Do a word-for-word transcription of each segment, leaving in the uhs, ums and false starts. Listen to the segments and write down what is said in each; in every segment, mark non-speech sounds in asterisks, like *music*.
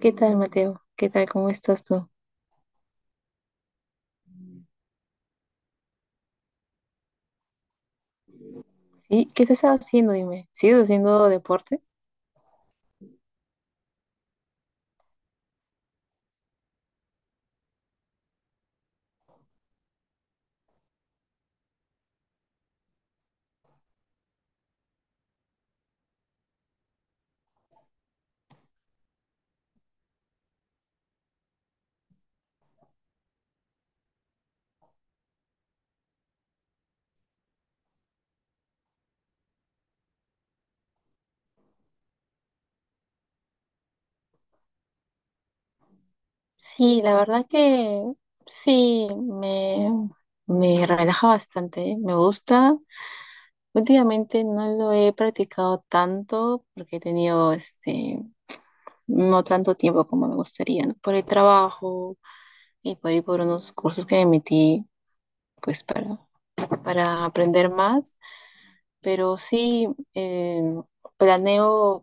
¿Qué tal, Mateo? ¿Qué tal? ¿Cómo estás tú? ¿Sí? ¿Qué estás haciendo? Dime. ¿Sigues haciendo deporte? Sí, la verdad que sí, me, me relaja bastante, ¿eh? Me gusta. Últimamente no lo he practicado tanto porque he tenido este, no tanto tiempo como me gustaría, ¿no? Por el trabajo y por ir por unos cursos que me metí, pues para, para aprender más. Pero sí, eh, planeo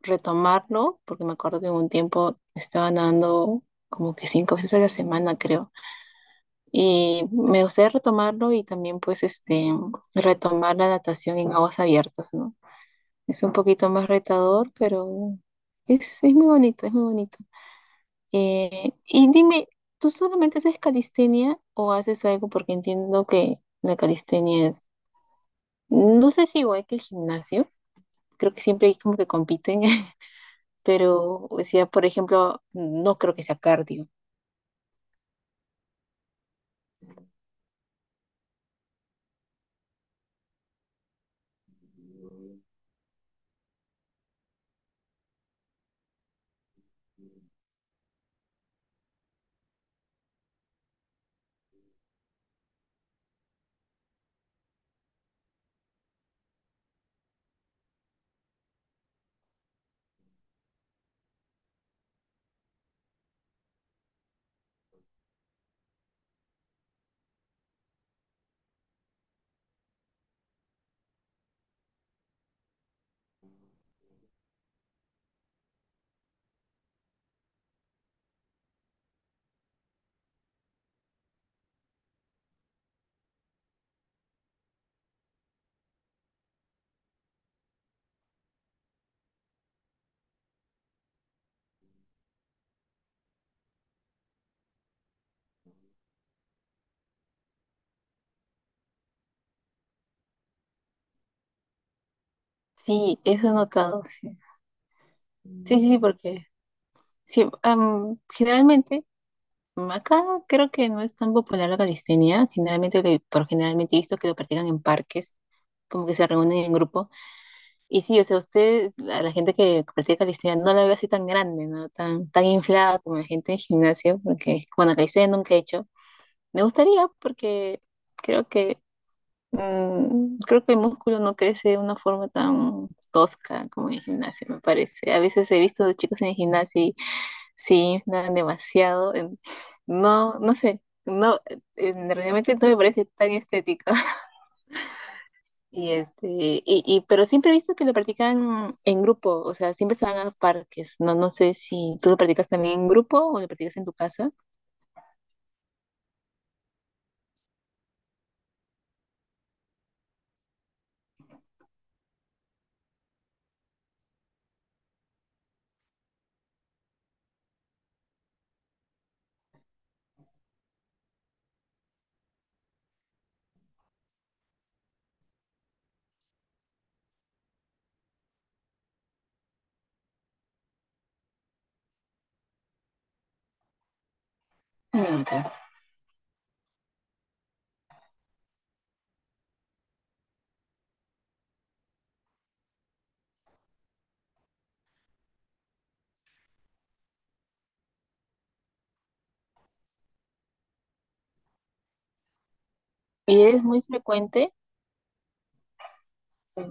retomarlo, porque me acuerdo que un tiempo estaba dando como que cinco veces a la semana, creo. Y me gustaría retomarlo y también pues este, retomar la natación en aguas abiertas, ¿no? Es un poquito más retador, pero es, es muy bonito, es muy bonito. Eh, y dime, ¿tú solamente haces calistenia o haces algo? Porque entiendo que la calistenia es, no sé si igual que el gimnasio, creo que siempre hay como que compiten *laughs* pero decía, por ejemplo, no creo que sea cardio. Sí, eso he notado. Sí, sí, sí, sí, porque sí, am, generalmente, mm, acá creo que no es tan popular la calistenia. Generalmente, lo- por generalmente he visto que lo practican en parques, como que se reúnen en grupo. Y sí, o sea, usted, a la gente que practica calistenia, no la veo así tan grande, ¿no? Tan, tan inflada como la gente en gimnasio, porque, bueno, calistenia nunca he hecho. Me gustaría porque creo que Mm, creo que el músculo no crece de una forma tan tosca como en el gimnasio, me parece. A veces he visto de chicos en el gimnasio y se inflan demasiado. en- No, no sé, no, en- realmente no me parece tan estético. *laughs* Y este, y, y- pero siempre he visto que lo practican en grupo, o sea, siempre se van a parques. No, no sé si tú lo practicas también en grupo o lo practicas en tu casa. Nunca. Y es muy frecuente. Sí.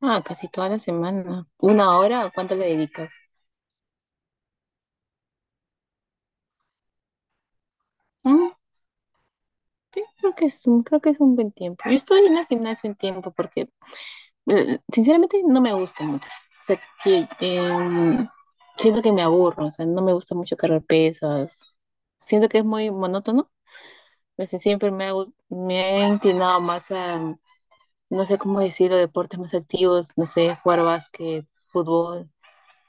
Ah, casi toda la semana. ¿Una hora o cuánto le dedicas? Sí, creo que es un, creo que es un buen tiempo. Yo estoy en el gimnasio un tiempo porque eh, sinceramente no me gusta mucho. O sea, sí, em, siento que me aburro, o sea, no me gusta mucho cargar pesas. Siento que es muy monótono. O sea, siempre me, ha gu- me he inclinado más a, no sé cómo decirlo, deportes más activos, no sé, jugar básquet, fútbol,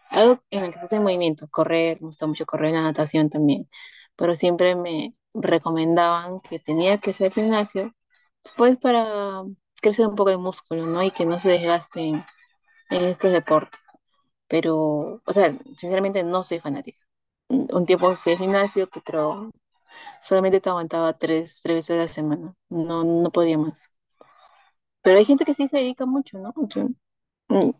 algo en el que se hace movimiento, correr, me gusta mucho correr, la natación también. Pero siempre me recomendaban que tenía que hacer gimnasio pues para crecer un poco el músculo, ¿no? Y que no se desgasten en estos deportes. Pero, o sea, sinceramente no soy fanática. Un tiempo fui al gimnasio, pero solamente te aguantaba tres, tres veces a la semana. No, no podía más. Pero hay gente que sí se dedica mucho, ¿no? Yo- mm,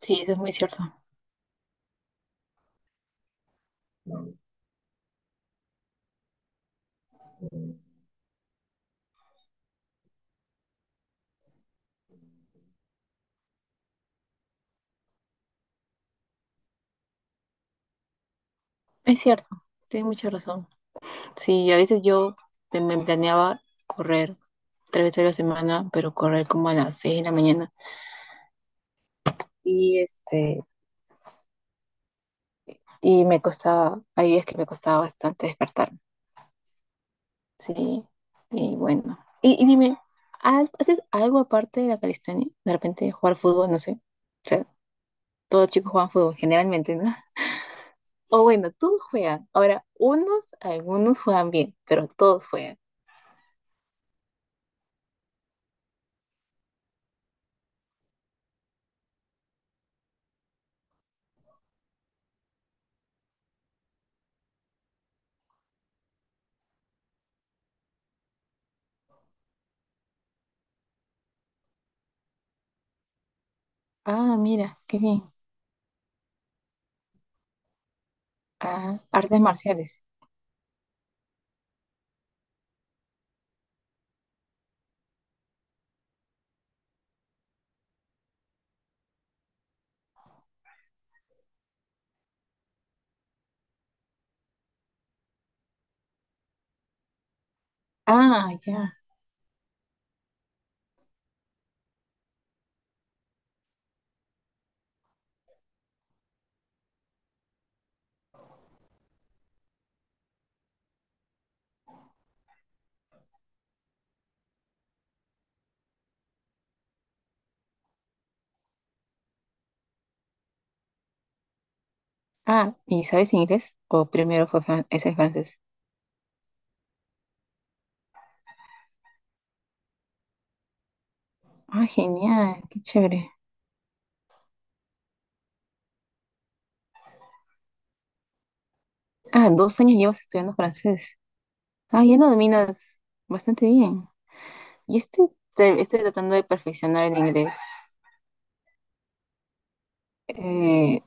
Sí, eso es muy cierto. Es cierto, tienes mucha razón. Sí, a veces yo te- me planeaba correr tres veces a la semana, pero correr como a las seis de la mañana. Y este, Y me costaba, ahí es que me costaba bastante despertarme. Sí, y bueno. Y, y dime, ¿ha- ¿haces algo aparte de la calistenia? De repente jugar fútbol, no sé. O sea, todos los chicos juegan fútbol, generalmente, ¿no? *laughs* O bueno, todos juegan. Ahora, unos, algunos juegan bien, pero todos juegan. Ah, mira, qué bien. Ah, artes marciales. Ah, ya. Ah, ¿y sabes inglés? ¿O primero fue fran- ese es francés? Ah, genial, qué chévere. Ah, dos años llevas estudiando francés. Ah, ya lo dominas bastante bien. Yo estoy, te- estoy tratando de perfeccionar el inglés. Eh,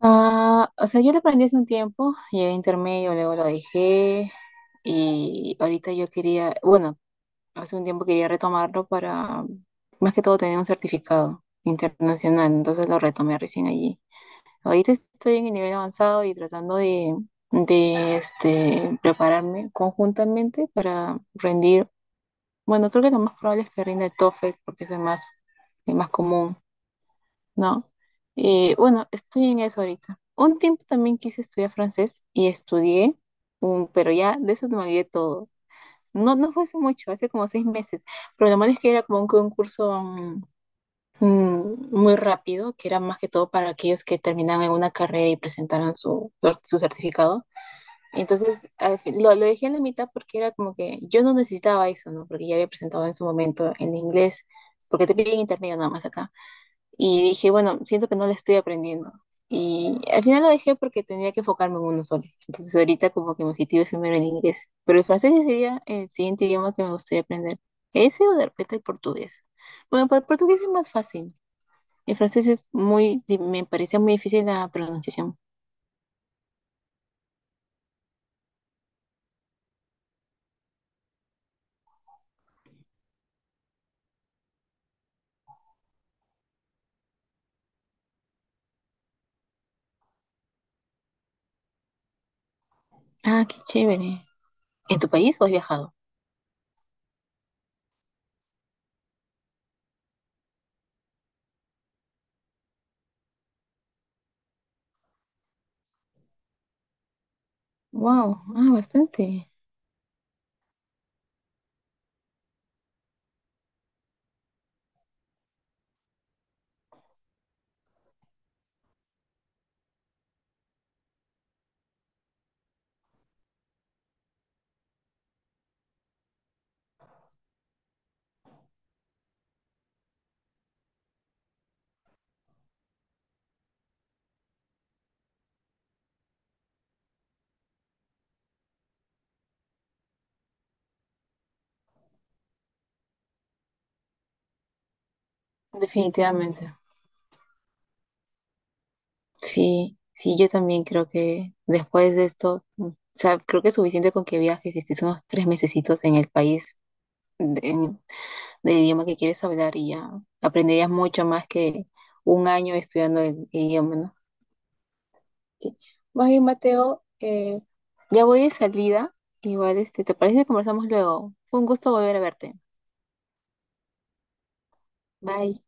ah, o sea, yo lo aprendí hace un tiempo, llegué a intermedio, luego lo dejé y ahorita yo quería, bueno, hace un tiempo quería retomarlo para, más que todo, tener un certificado internacional, entonces lo retomé recién allí. Ahorita estoy en el nivel avanzado y tratando de, de este, prepararme conjuntamente para rendir. Bueno, creo que lo más probable es que rinda el TOEFL porque es el más, el más común, ¿no? Eh, bueno, estoy en eso ahorita. Un tiempo también quise estudiar francés y estudié, um, pero ya de eso me olvidé todo. No, no fue hace mucho, hace como seis meses, pero lo malo es que era como un, un curso um, mm, muy rápido, que era más que todo para aquellos que terminaban alguna carrera y presentaran su, su certificado. Entonces, al fin- lo, lo dejé en la mitad porque era como que yo no necesitaba eso, ¿no? Porque ya había presentado en su momento en inglés, porque te piden intermedio nada más acá. Y dije, bueno, siento que no lo estoy aprendiendo. Y al final lo dejé porque tenía que enfocarme en uno solo. Entonces, ahorita como que mi objetivo es primero el inglés. Pero el francés sería el siguiente idioma que me gustaría aprender. Ese o de repente el portugués. Bueno, para el portugués es más fácil. El francés es muy, di- me parecía muy difícil la pronunciación. Ah, qué chévere. ¿En tu país o has viajado? Wow, ah, bastante. Definitivamente. Sí, sí, yo también creo que después de esto, mm, o sea, creo que es suficiente con que viajes y estés unos tres mesecitos en el país de- en- del idioma que quieres hablar y ya aprenderías mucho más que un año estudiando el idioma, ¿no? Sí. Más bien, Mateo, eh, ya voy de salida. Igual, este, ¿te parece que conversamos luego? Fue un gusto volver a verte. Bye.